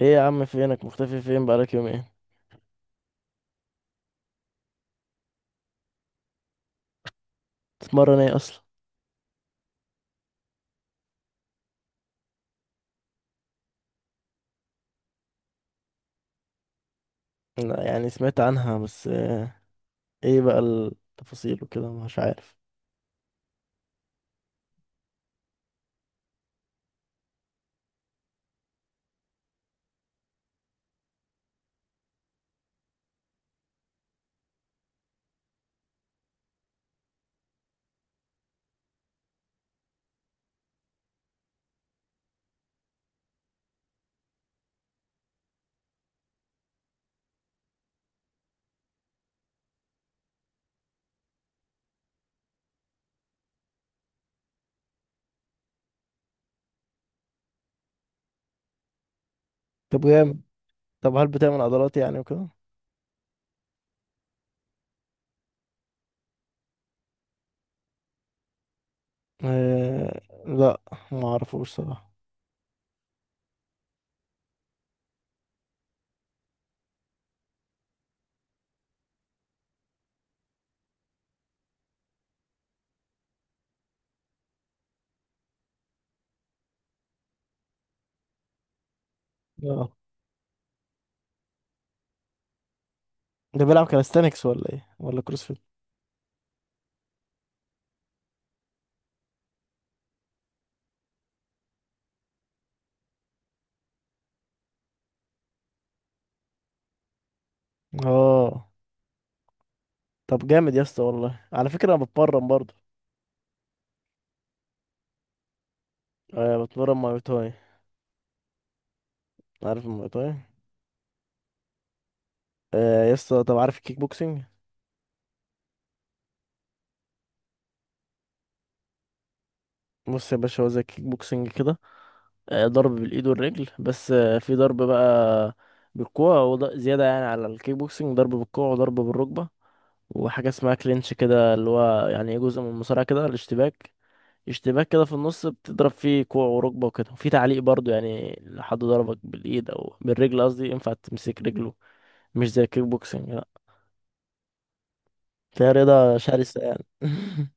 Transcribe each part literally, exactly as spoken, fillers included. ايه يا عم؟ فينك مختفي؟ فين بقالك يومين؟ تتمرن ايه اصلا؟ لا، يعني سمعت عنها بس آه، ايه بقى التفاصيل وكده؟ مش عارف. طب جامد. طب هل بتعمل عضلات يعني وكده؟ آه. لا، ما اعرفوش صراحه. اه، ده بيلعب كاليستانكس ولا ايه ولا كروسفيت؟ اه. طب جامد يا اسطى، والله. على فكره انا بتمرن برضه. آه، بتمرن ماي تاي. عارف الماي تاي؟ آه يا اسطى، طب عارف الكيك بوكسينج؟ بص يا باشا، هو زي الكيك بوكسينج كده. آه، ضرب بالايد والرجل، بس آه، في ضرب بقى بالكوع وض- زياده يعني على الكيك بوكسنج: ضرب بالكوع وضرب بالركبه، وحاجه اسمها كلينش كده، اللي هو يعني ايه، جزء من المصارعه كده، الاشتباك. اشتباك كده في النص، بتضرب فيه كوع وركبه وكده، وفي تعليق برضو، يعني لو حد ضربك بالايد او بالرجل، قصدي ينفع تمسك رجله. مش زي الكيك بوكسنج، لا. فهي رياضه شرسه يعني.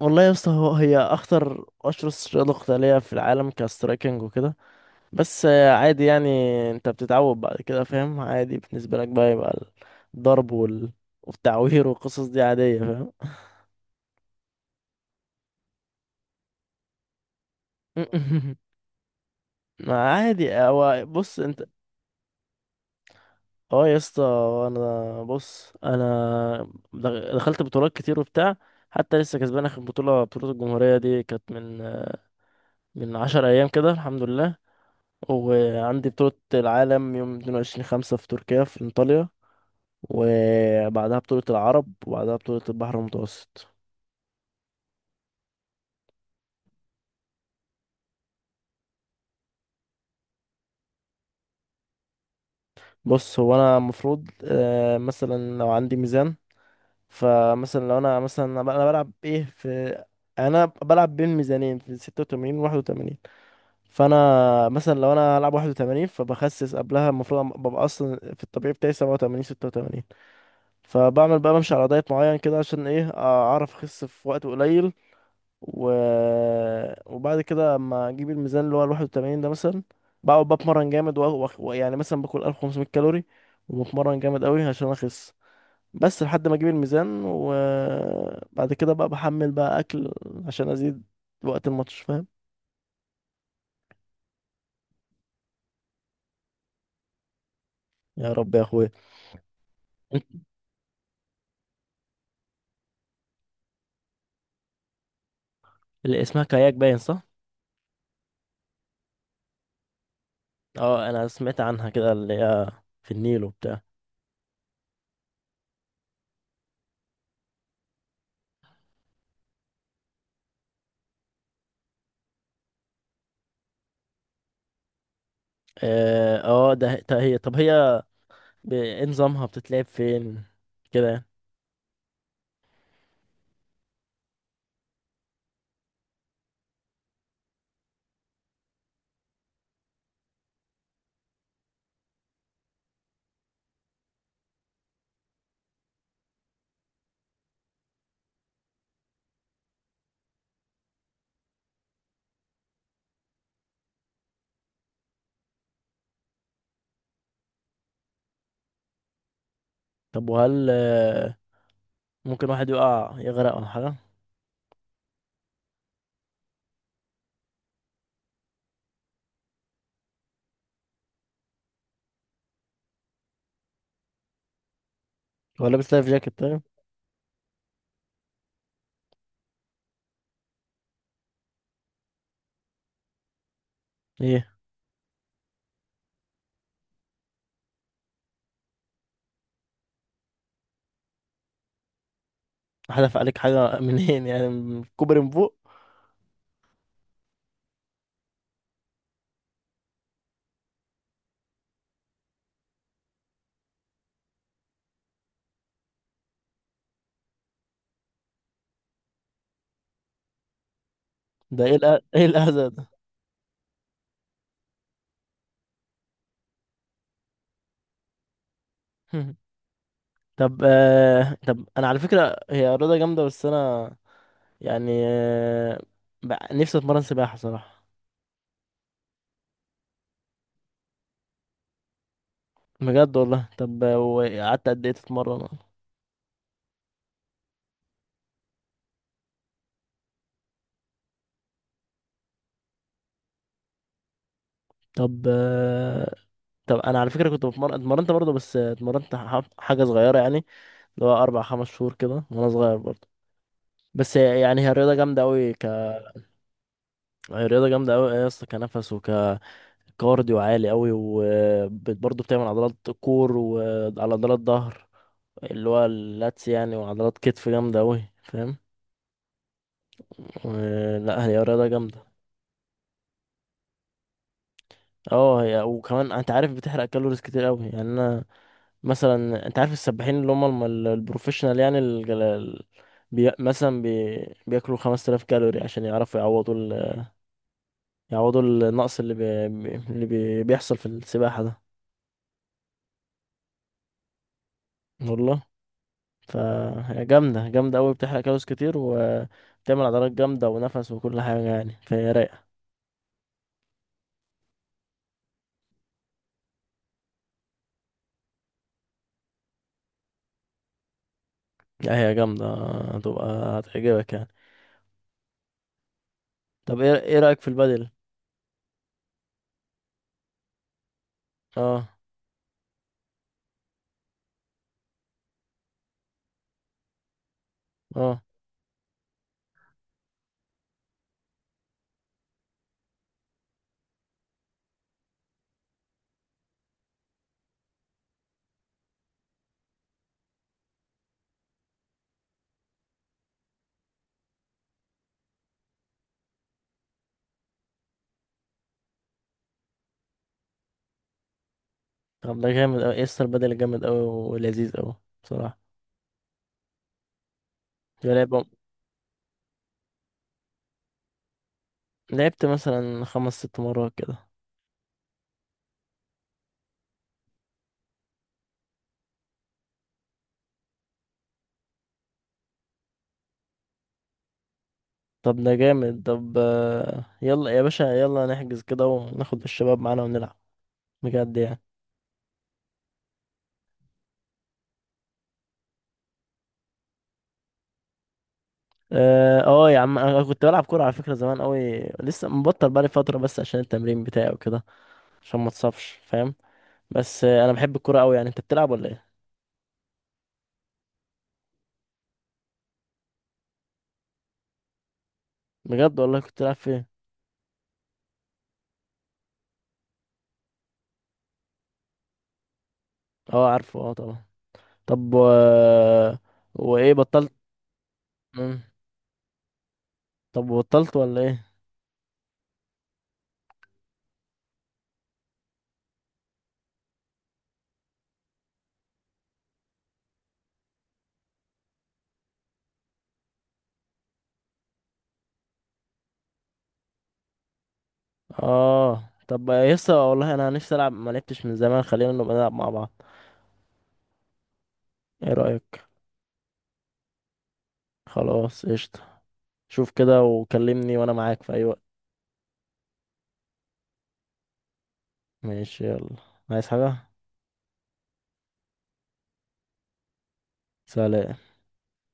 والله يا اسطى، هو- هي اخطر اشرس رياضه قتاليه في العالم كسترايكنج وكده، بس آه، عادي يعني. انت بتتعود بعد كده، فاهم؟ عادي بالنسبة لك بقى، يبقى الضرب وال... والتعوير والقصص دي عادية، فاهم؟ ما عادي، هو بص انت. اه يا اسطى. انا بص، انا دغ- دخلت بطولات كتير وبتاع. حتى لسه كسبان اخر بطولة، بطولة الجمهورية دي، كانت من آه، من عشر ايام كده، الحمد لله. وعندي بطولة العالم يوم اتنين وعشرين خمسة في تركيا، في انطاليا، وبعدها بطولة العرب، وبعدها بطولة البحر المتوسط. بص، هو انا المفروض، آه، مثلا لو عندي ميزان، فمثلا لو انا مثلا انا ب- أنا بلعب ايه في، يعني انا بلعب بين ميزانين، في ستة وثمانين و واحد وتمانين. فانا مثلا لو انا هلعب واحد وثمانين، فبخسس قبلها. المفروض أم- ببقى اصلا في الطبيعي بتاعي سبعة وتمانين، ستة وتمانين. فبعمل بقى، بمشي على دايت معين كده عشان ايه؟ آه، اعرف اخس في وقت قليل، و... وبعد كده اما اجيب الميزان اللي هو ال واحد وثمانين ده مثلا، بقعد بتمرن جامد، وأخ- وأخ- ويعني مثلا باكل ألف وخمسمية كالوري وبتمرن جامد قوي عشان اخس. بس لحد ما اجيب الميزان، وبعد كده بقى بحمل بقى اكل عشان ازيد وقت الماتش، فاهم؟ يا رب يا اخويا. انت؟ اللي اسمها كاياك، باين صح؟ اه، انا سمعت عنها كده، اللي هي في النيل وبتاع. اه آه، ده ده هي، طب هي ب- إيه نظامها؟ بتتلعب فين كده يعني؟ طب وهل ممكن واحد يقع يغرق ولا حاجة؟ هو لابس لايف جاكيت طيب؟ ايه؟ حدف عليك حاجة منين يعني؟ من كوبري من فوق؟ ده ايه الأ... ايه الأذى ده؟ طب آه... طب انا على فكرة هي رياضة جامدة، بس انا يعني آه... بق- نفسي اتمرن سباحة صراحة. بجد والله؟ طب آه، وقعدت قد ايه تتمرن؟ طب آه... طب انا على فكرة كنت بتمرن، اتمرنت برضه، بس آه، اتمرنت ح- حاجة صغيرة يعني، اللي هو اربع خمس شهور كده وانا صغير برضه. بس يعني هي الرياضة جامدة أوي، ك... هي رياضة جامدة أوي يا اسطى. كنفس وكارديو عالي أوي، وبرضه بتعمل عضلات كور، وعلى عضلات ظهر اللي هو اللاتس يعني، وعضلات كتف جامدة أوي، فاهم؟ و- لا هي رياضة جامدة. اه هي، وكمان انت عارف بتحرق كالوريز كتير أوي يعني. انا مثلا، انت عارف السباحين اللي هم الم- ال- البروفيشنال يعني، ال... ال- بي... مثلا بي... بياكلوا خمسة آلاف كالوري عشان يعرفوا يعوضوا ال... يعوضوا النقص اللي بي... بي- اللي بي... بيحصل في السباحة ده. والله؟ فهي جامدة جامدة أوي، بتحرق كالوريز كتير وبتعمل عضلات جامدة ونفس وكل حاجة يعني، فهي رايقة. لا هي جامدة، هتبقى هتعجبك يعني. طب ايه ايه رأيك في البدل؟ اه. اه. طب ده جامد أوي يسطا، البدل جامد أوي ولذيذ أوي بصراحة. يا لعبة، لعبت مثلا خمس ست مرات كده. طب ده جامد. طب آه، يلا يا باشا، يلا نحجز كده وناخد الشباب معانا ونلعب، بجد يعني. اه آه يا عم انا كنت بلعب كوره على فكره، زمان قوي، لسه مبطل بقالي فتره بس عشان التمرين بتاعي وكده، عشان ما اتصابش فاهم. بس آه انا بحب الكوره قوي يعني. انت بتلعب ولا ايه؟ بجد والله؟ كنت بتلعب فين؟ اه عارفه، اه طبعا. طب و... وايه بطلت؟ مم. طب بطلت ولا ايه؟ اه طب يسا والله انا نفسي العب، ما لعبتش من زمان. خلينا نبقى نلعب مع بعض، ايه رايك؟ خلاص قشطه. شوف كده وكلمني وانا معاك في اي وقت. ماشي، يلا. عايز حاجه؟ سلام.